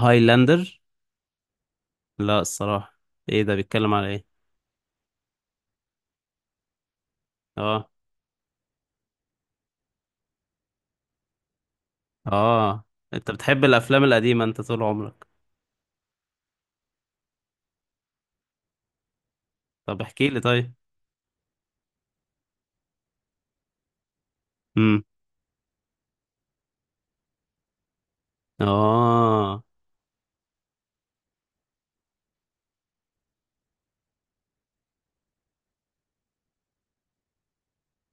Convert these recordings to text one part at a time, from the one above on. هايلاندر؟ لا، الصراحة. ايه ده؟ بيتكلم على ايه؟ اه، اه. انت بتحب الافلام القديمة انت طول عمرك؟ طب احكي لي طيب. امم. اه،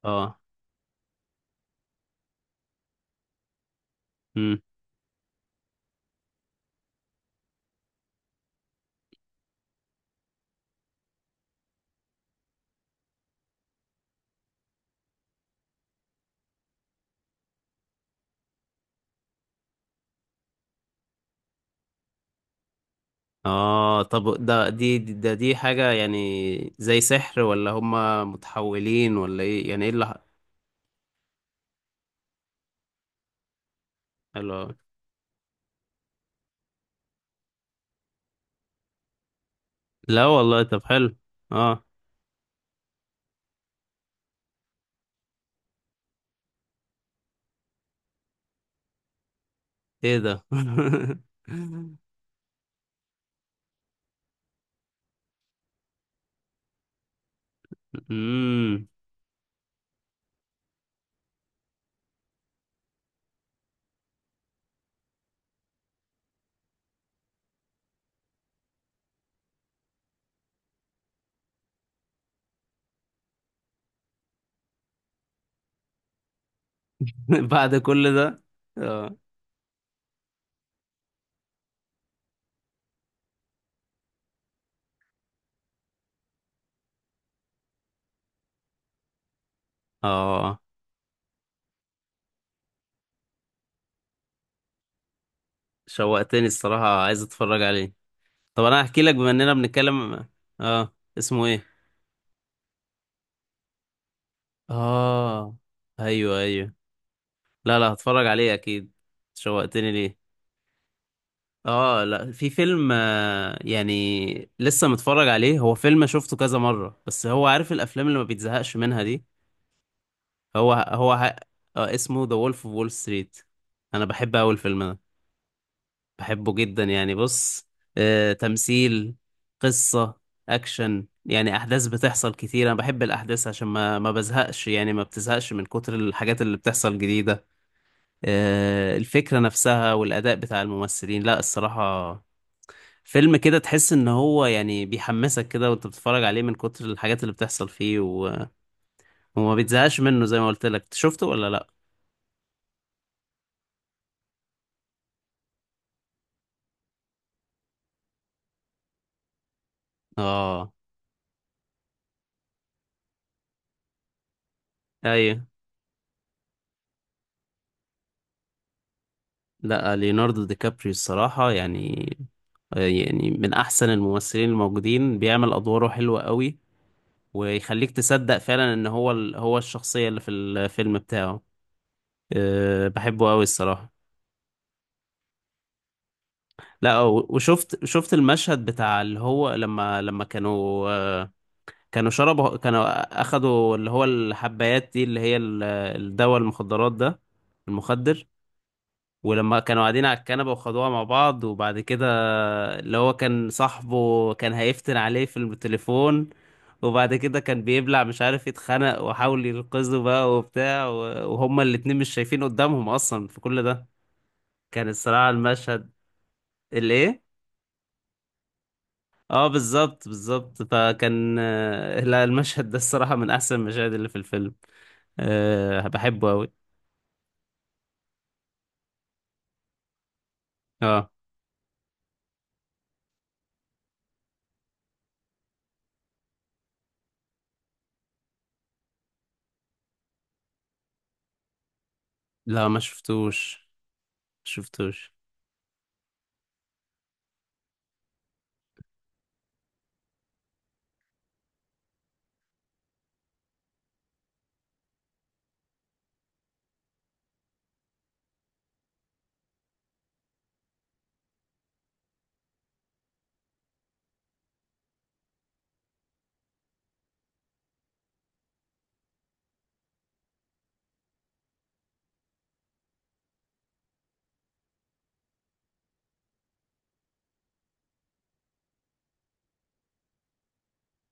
اه. امم. اه. طب ده دي حاجة، يعني زي سحر ولا هما متحولين ولا ايه؟ يعني ايه اللي حلو أوي. لا والله، طب حلو. اه، ايه ده؟ امم. بعد كل ده. اه، اه. شوقتني الصراحة، عايز اتفرج عليه. طب انا هحكي لك بما اننا بنتكلم. اه، اسمه ايه؟ اه، ايوه، ايوه. لا، لا، هتفرج عليه اكيد. شوقتني ليه. اه، لا، في فيلم، يعني لسه متفرج عليه، هو فيلم شفته كذا مرة، بس هو عارف الافلام اللي ما بيتزهقش منها دي. هو هو ه... آه، اسمه ذا وولف اوف وول ستريت. انا بحب اول فيلم ده، بحبه جدا يعني. بص، تمثيل، قصة، أكشن، يعني أحداث بتحصل كتير. أنا بحب الأحداث عشان ما بزهقش، يعني ما بتزهقش من كتر الحاجات اللي بتحصل جديدة. الفكرة نفسها، والأداء بتاع الممثلين، لا الصراحة. فيلم كده تحس إن هو يعني بيحمسك كده وأنت بتتفرج عليه، من كتر الحاجات اللي بتحصل فيه وما بتزهقش منه، زي ما قلت لك. شفته ولا لأ؟ آه، أيوه. لا، ليوناردو دي كابريو الصراحة، يعني يعني من أحسن الممثلين الموجودين، بيعمل أدواره حلوة قوي، ويخليك تصدق فعلا إن هو هو الشخصية اللي في الفيلم بتاعه. أه بحبه قوي الصراحة. لا، وشفت المشهد بتاع اللي هو، لما كانوا شربوا، كانوا أخدوا اللي هو الحبايات دي، اللي هي الدواء، المخدرات ده، المخدر. ولما كانوا قاعدين على الكنبة وخدوها مع بعض، وبعد كده اللي هو كان صاحبه كان هيفتن عليه في التليفون. وبعد كده كان بيبلع، مش عارف، يتخنق، وحاول ينقذه بقى وبتاع، وهما الاتنين مش شايفين قدامهم اصلا في كل ده. كان الصراحة المشهد، الايه؟ اه، بالظبط، بالظبط. فكان لا، المشهد ده الصراحة من احسن المشاهد اللي في الفيلم. أه بحبه اوي. اه، لا، ما شفتوش، ما شفتوش.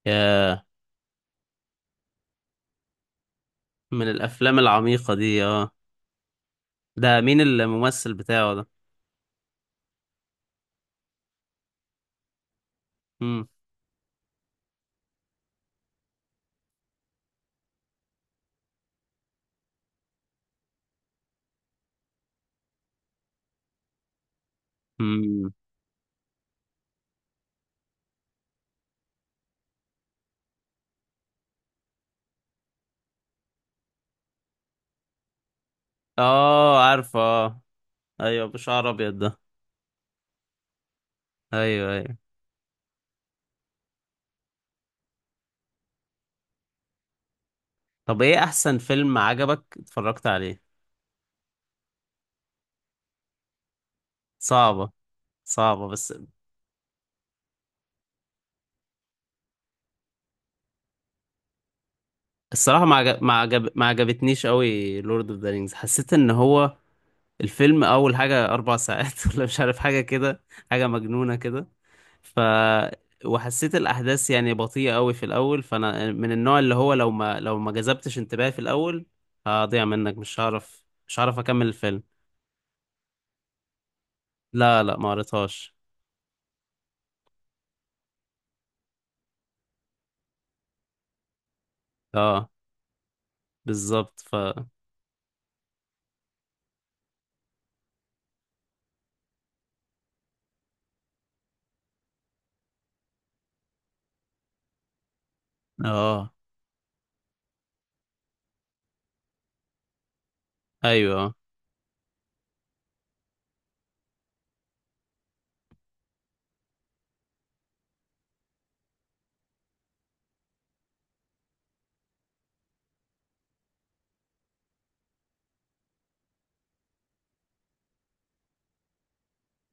يا، من الافلام العميقة دي، اه. ده مين الممثل بتاعه ده؟ امم. امم. اه، عارفه، اه. ايوه، بشعر ابيض ده. ايوه، ايوه. طب ايه احسن فيلم عجبك اتفرجت عليه؟ صعبه. صعبه، بس. الصراحه ما عجبتنيش قوي لورد اوف ذا رينجز. حسيت ان هو الفيلم، اول حاجه 4 ساعات، ولا مش عارف، حاجه كده، حاجه مجنونه كده. ف وحسيت الاحداث يعني بطيئة قوي في الاول. فانا من النوع اللي هو، لو ما جذبتش انتباهي في الاول هضيع منك، مش هعرف اكمل الفيلم. لا، لا، ما قريتهاش. اه، بالظبط. اه، ايوه.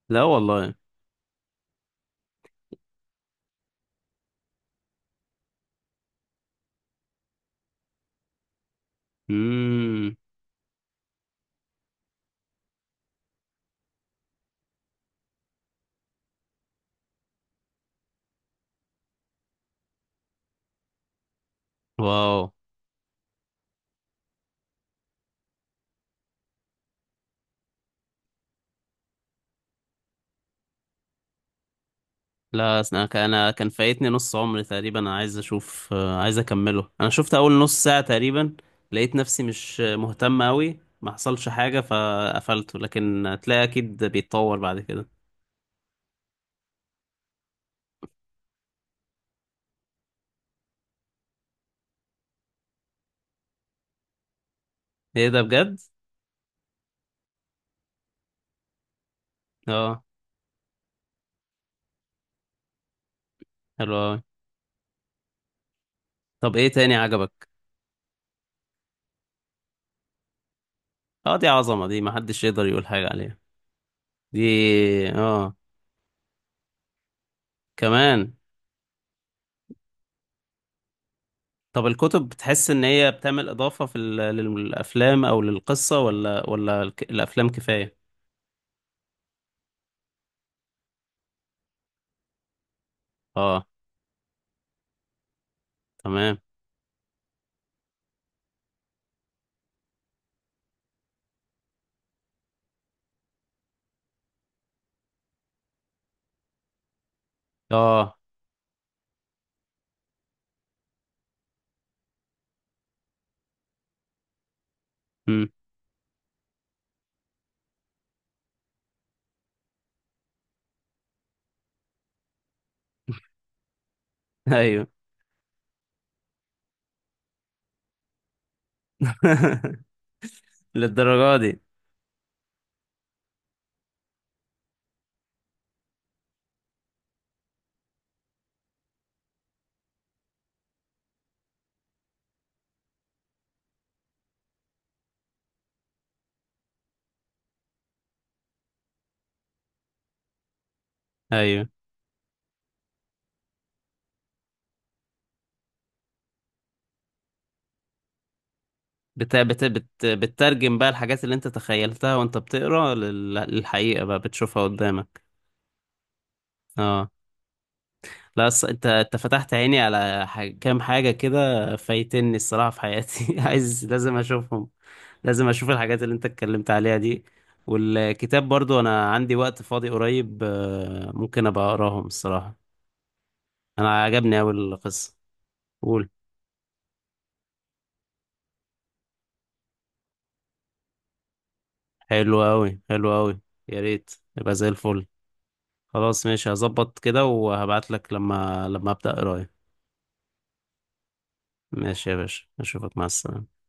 لا والله. امم. واو. لا، أصل انا كان أنا كان فايتني نص عمري تقريبا. انا عايز اشوف، عايز اكمله. انا شفت اول نص ساعة تقريبا، لقيت نفسي مش مهتم قوي، ما حصلش حاجة فقفلته، لكن تلاقي اكيد بيتطور بعد كده. ايه ده؟ بجد؟ اه. حلو أوي. طب ايه تاني عجبك؟ اه، دي عظمة دي، ما حدش يقدر يقول حاجة عليها. دي، اه، كمان. طب الكتب، بتحس ان هي بتعمل اضافة في للافلام او للقصة، ولا الافلام كفاية؟ اه، تمام. اه، ايوه. للدرجه دي؟ ايوه. بتترجم بقى الحاجات اللي انت تخيلتها وانت بتقرا، للحقيقه بقى، بتشوفها قدامك. اه. لا، أص... انت انت فتحت عيني على كام حاجه كده فايتني الصراحه في حياتي عايز، لازم اشوفهم، لازم اشوف الحاجات اللي انت اتكلمت عليها دي. والكتاب برضو، انا عندي وقت فاضي قريب، ممكن ابقى اقراهم الصراحه. انا عجبني اوي القصه. قول. حلو اوي، حلو اوي. يا ريت. يبقى زي الفل. خلاص، ماشي، هظبط كده وهبعت لك، لما أبدأ قراية. ماشي يا باشا، أشوفك، مع السلامة.